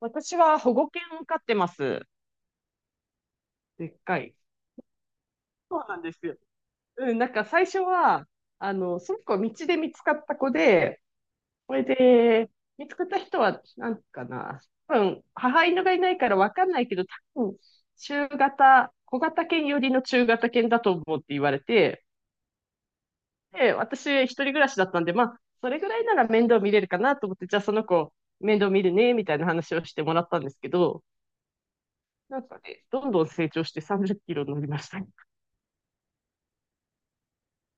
私は保護犬を飼ってます。でっかい。そうなんですよ。最初は、その子道で見つかった子で、それで、見つかった人は、なんかな、多分、母犬がいないからわかんないけど、多分、中型、小型犬寄りの中型犬だと思うって言われて、で、私一人暮らしだったんで、まあ、それぐらいなら面倒見れるかなと思って、じゃあその子、面倒見るね、みたいな話をしてもらったんですけど、どんどん成長して30キロになりましたね。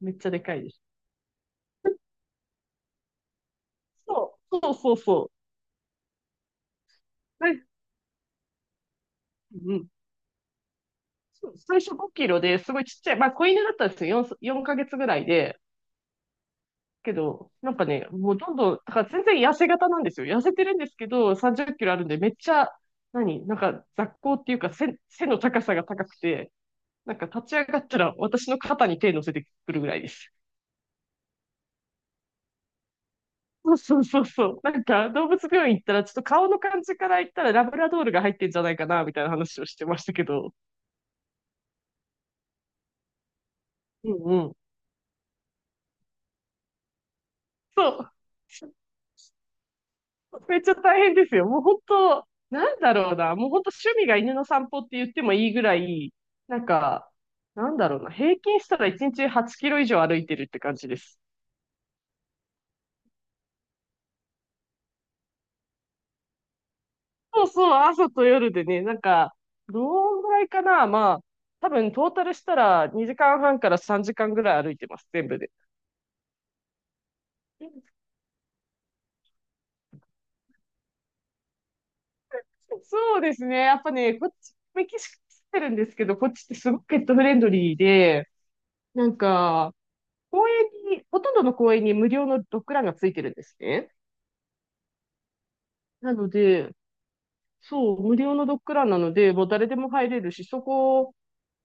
めっちゃでかいです。そうそうそうそう。はい。うん、そう、最初5キロですごいちっちゃい、まあ、子犬だったんですよ、4ヶ月ぐらいで。けど、もうどんどん、だから全然痩せ型なんですよ。痩せてるんですけど、30キロあるんで、めっちゃ、なんか雑行っていうか背の高さが高くて、なんか立ち上がったら私の肩に手乗せてくるぐらいです。そうそうそうそう。なんか動物病院行ったら、ちょっと顔の感じから言ったらラブラドールが入ってんじゃないかな、みたいな話をしてましたけど。うん、そう。めっちゃ大変ですよ。もう本当、なんだろうな。もう本当趣味が犬の散歩って言ってもいいぐらい、なんか、なんだろうな。平均したら1日8キロ以上歩いてるって感じです。そうそう、朝と夜でね、どんぐらいかな。まあ、多分トータルしたら2時間半から3時間ぐらい歩いてます、全部で。そうですね。やっぱね、こっち、メキシコ来てるんですけど、こっちってすごくペットフレンドリーで、なんか、公園に、ほとんどの公園に無料のドッグランがついてるんですね。なので、そう、無料のドッグランなので、もう誰でも入れるし、そこ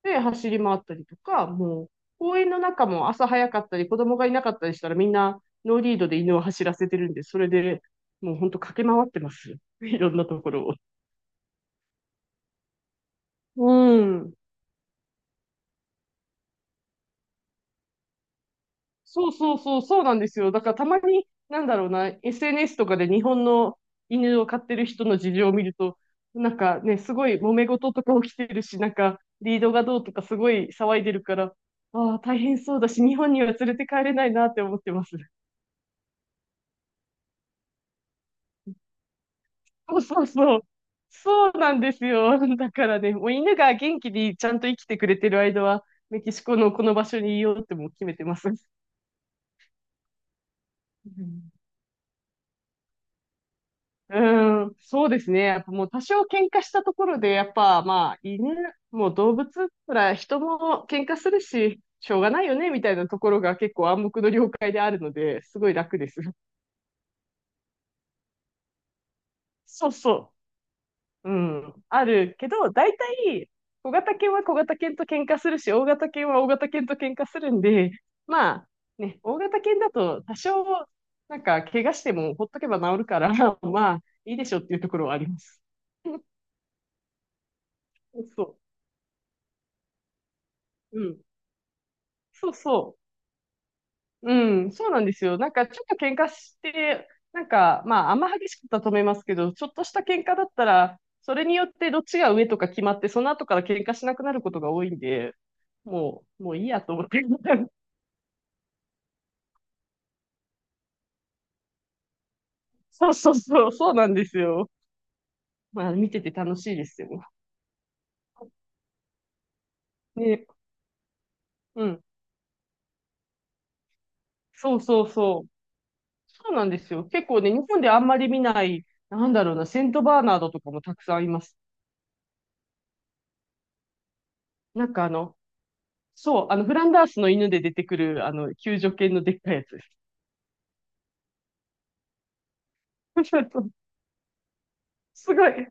で走り回ったりとか、もう、公園の中も朝早かったり、子供がいなかったりしたら、みんなノーリードで犬を走らせてるんで、それでもう本当駆け回ってます。いろんなところを。うん。そうそうそう、そうなんですよ。だからたまに、なんだろうな、SNS とかで日本の犬を飼ってる人の事情を見ると、なんかね、すごい揉め事とか起きてるし、なんかリードがどうとかすごい騒いでるから、ああ、大変そうだし、日本には連れて帰れないなって思ってます。そうそうそう。そうなんですよ。だからね、もう犬が元気にちゃんと生きてくれてる間は、メキシコのこの場所にいようってもう決めてます。うん。うーん、そうですね。やっぱもう多少喧嘩したところで、やっぱまあ犬、もう動物なら人も喧嘩するし、しょうがないよね、みたいなところが結構暗黙の了解であるので、すごい楽です。そうそう。うん。あるけど、大体、小型犬は小型犬と喧嘩するし、大型犬は大型犬と喧嘩するんで、まあ、ね、大型犬だと多少、怪我してもほっとけば治るから、まあ、いいでしょっていうところはあります。そう。うん。そうそう。うん、そうなんですよ。なんかちょっと喧嘩して、なんかまああんま激しくたとめますけど、ちょっとした喧嘩だったら、それによってどっちが上とか決まって、その後から喧嘩しなくなることが多いんで、もういいやと思って。そうそうそう、そうなんですよ。まあ見てて楽しいですよ。ね、うん。そうそうそう。そうなんですよ。結構ね、日本であんまり見ない、なんだろうな、セントバーナードとかもたくさんいます。なんかあの、そう、あの、フランダースの犬で出てくる、あの、救助犬のでっかいやつです。すごい。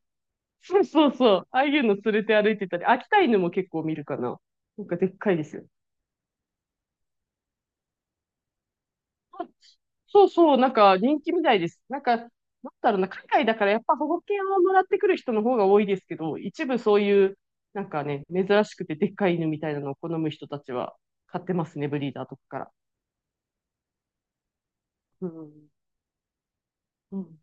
そうそうそう。ああいうの連れて歩いてたり、秋田犬も結構見るかな。なんかでっかいですよ。あ、そうそう、なんか人気みたいです。なんだろうな、海外だからやっぱ保護犬をもらってくる人の方が多いですけど、一部そういう、なんかね、珍しくてでっかい犬みたいなのを好む人たちは買ってますね、ブリーダーとかから。うん。うん、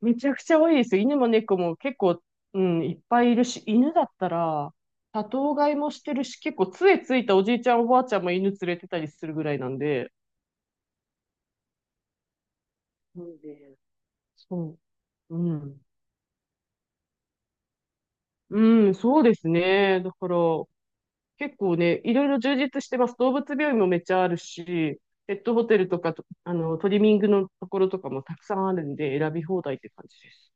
めちゃくちゃ多いですよ。犬も猫も結構、うん、いっぱいいるし、犬だったら、多頭飼いもしてるし、結構杖ついたおじいちゃんおばあちゃんも犬連れてたりするぐらいなんで、そうね。そう。うん。うん、そうですね。だから、結構ね、いろいろ充実してます。動物病院もめっちゃあるし、ペットホテルとかと、あの、トリミングのところとかもたくさんあるんで、選び放題って感じです。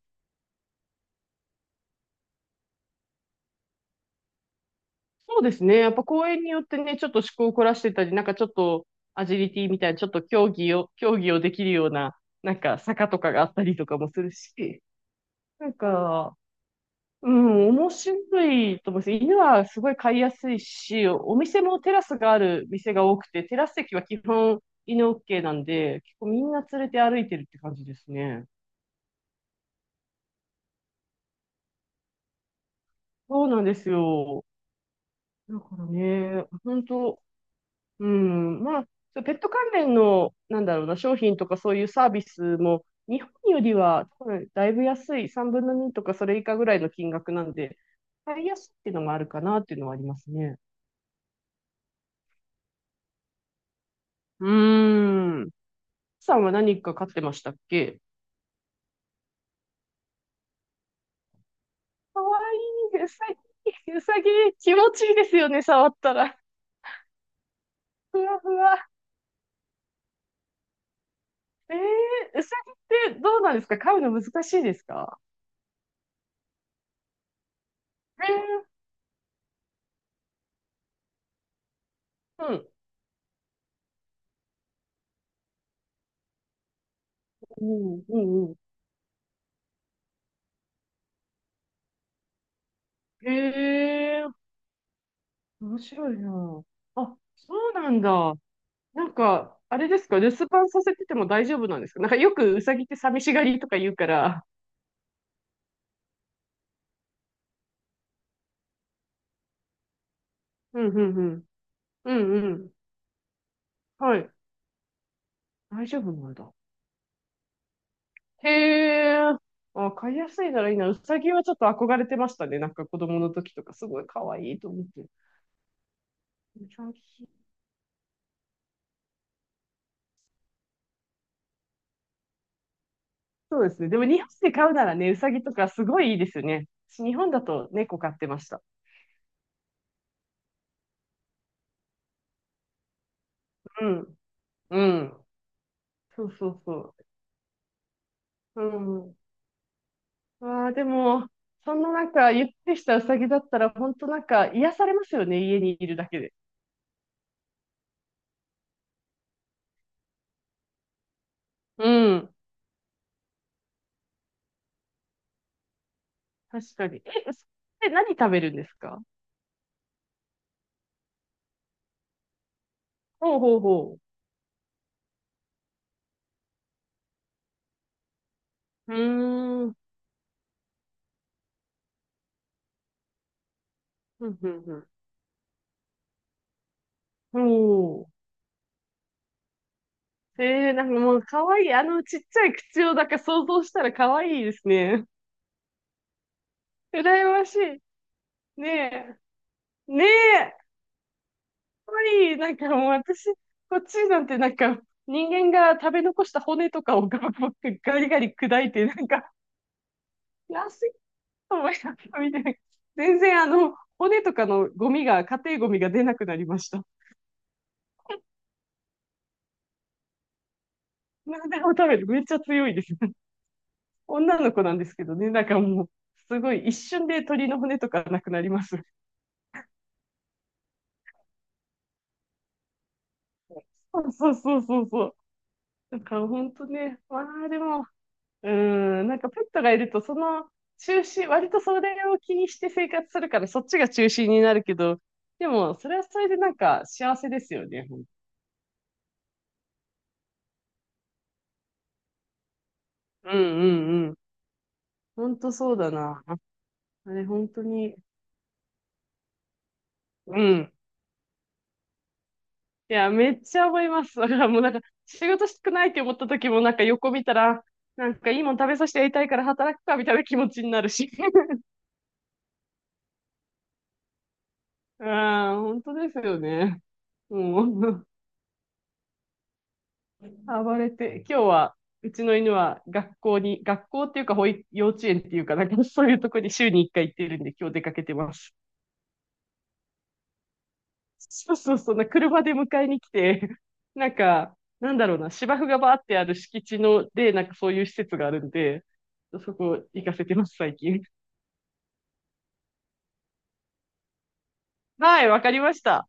そうですね。やっぱ公園によってね、ちょっと趣向を凝らしてたり、なんかちょっとアジリティみたいな、ちょっと競技をできるような、なんか坂とかがあったりとかもするし、なんか、うん、面白いと思います。犬はすごい飼いやすいし、お店もテラスがある店が多くて、テラス席は基本犬 OK なんで、結構みんな連れて歩いてるって感じですね。そうなんですよ。だからね、本当、うん、まあ、そうペット関連の、なんだろうな、商品とかそういうサービスも、日本よりは多分だいぶ安い、3分の2とかそれ以下ぐらいの金額なんで、買いやすいっていうのもあるかなっていうのはありますね。うーん。さんは何か飼ってましたっけ？かわいい、うさぎ、うさぎ、気持ちいいですよね、触ったら。ふわふわ。えー、うさぎってどうなんですか？飼うの難しいですか？えー、うん。うん、うん、うん。えー、面白いな。あ、そうなんだ。なんか、あれですか、留守番させてても大丈夫なんですか？なんかよくウサギって寂しがりとか言うから。うんうんうん。うんうん。はい。大丈夫なんだ。へえ。あ、飼いやすいならいいな。ウサギはちょっと憧れてましたね。なんか子供の時とかすごい可愛いと思って。ウサギ。そうですね。でも日本で飼うならね、ウサギとかすごいいいですよね。私日本だと猫飼ってました。うん。うん。そうそうそう。うん、わあ、でも、そんななんか、ゆってしたうさぎだったら、本当なんか、癒されますよね、家にいるだけで。うん。確かに。え、うさぎって何食べるんですか？ほうほうほう。うーん。ふんふんふん。おー。えー、なんかもう、かわいい。あの、ちっちゃい口を、なんか想像したらかわいいですね。羨ましい。ねえ。ねえ。かわいい。なんかもう、私、こっちなんてなんか、人間が食べ残した骨とかをガブガブガリガリ砕いて、なんか、安思い出したみたいな。全然あの、骨とかのゴミが、家庭ゴミが出なくなりました。何でも食べる。めっちゃ強いです。女の子なんですけどね、なんかもう、すごい一瞬で鳥の骨とかなくなります。そうそうそうそうそう。なんか本当ね、まあでも、うーん、なんかペットがいると、その中心、割とそれを気にして生活するから、そっちが中心になるけど、でも、それはそれでなんか幸せですよね。うんうんうん。本当そうだな。あれ、本当に、うん。いや、めっちゃ思います。だからもうなんか、仕事したくないって思った時も、なんか横見たら、なんかいいもん食べさせてやりたいから働くか、みたいな気持ちになるし。ああ本当ですよね。もう、暴れて、今日は、うちの犬は学校っていうか保育、幼稚園っていうか、なんかそういうとこに週に1回行ってるんで、今日出かけてます。そうそうそう、な車で迎えに来て、なんだろうな、芝生がバーってある敷地の、で、なんかそういう施設があるんで、そこ行かせてます、最近。はい、わかりました。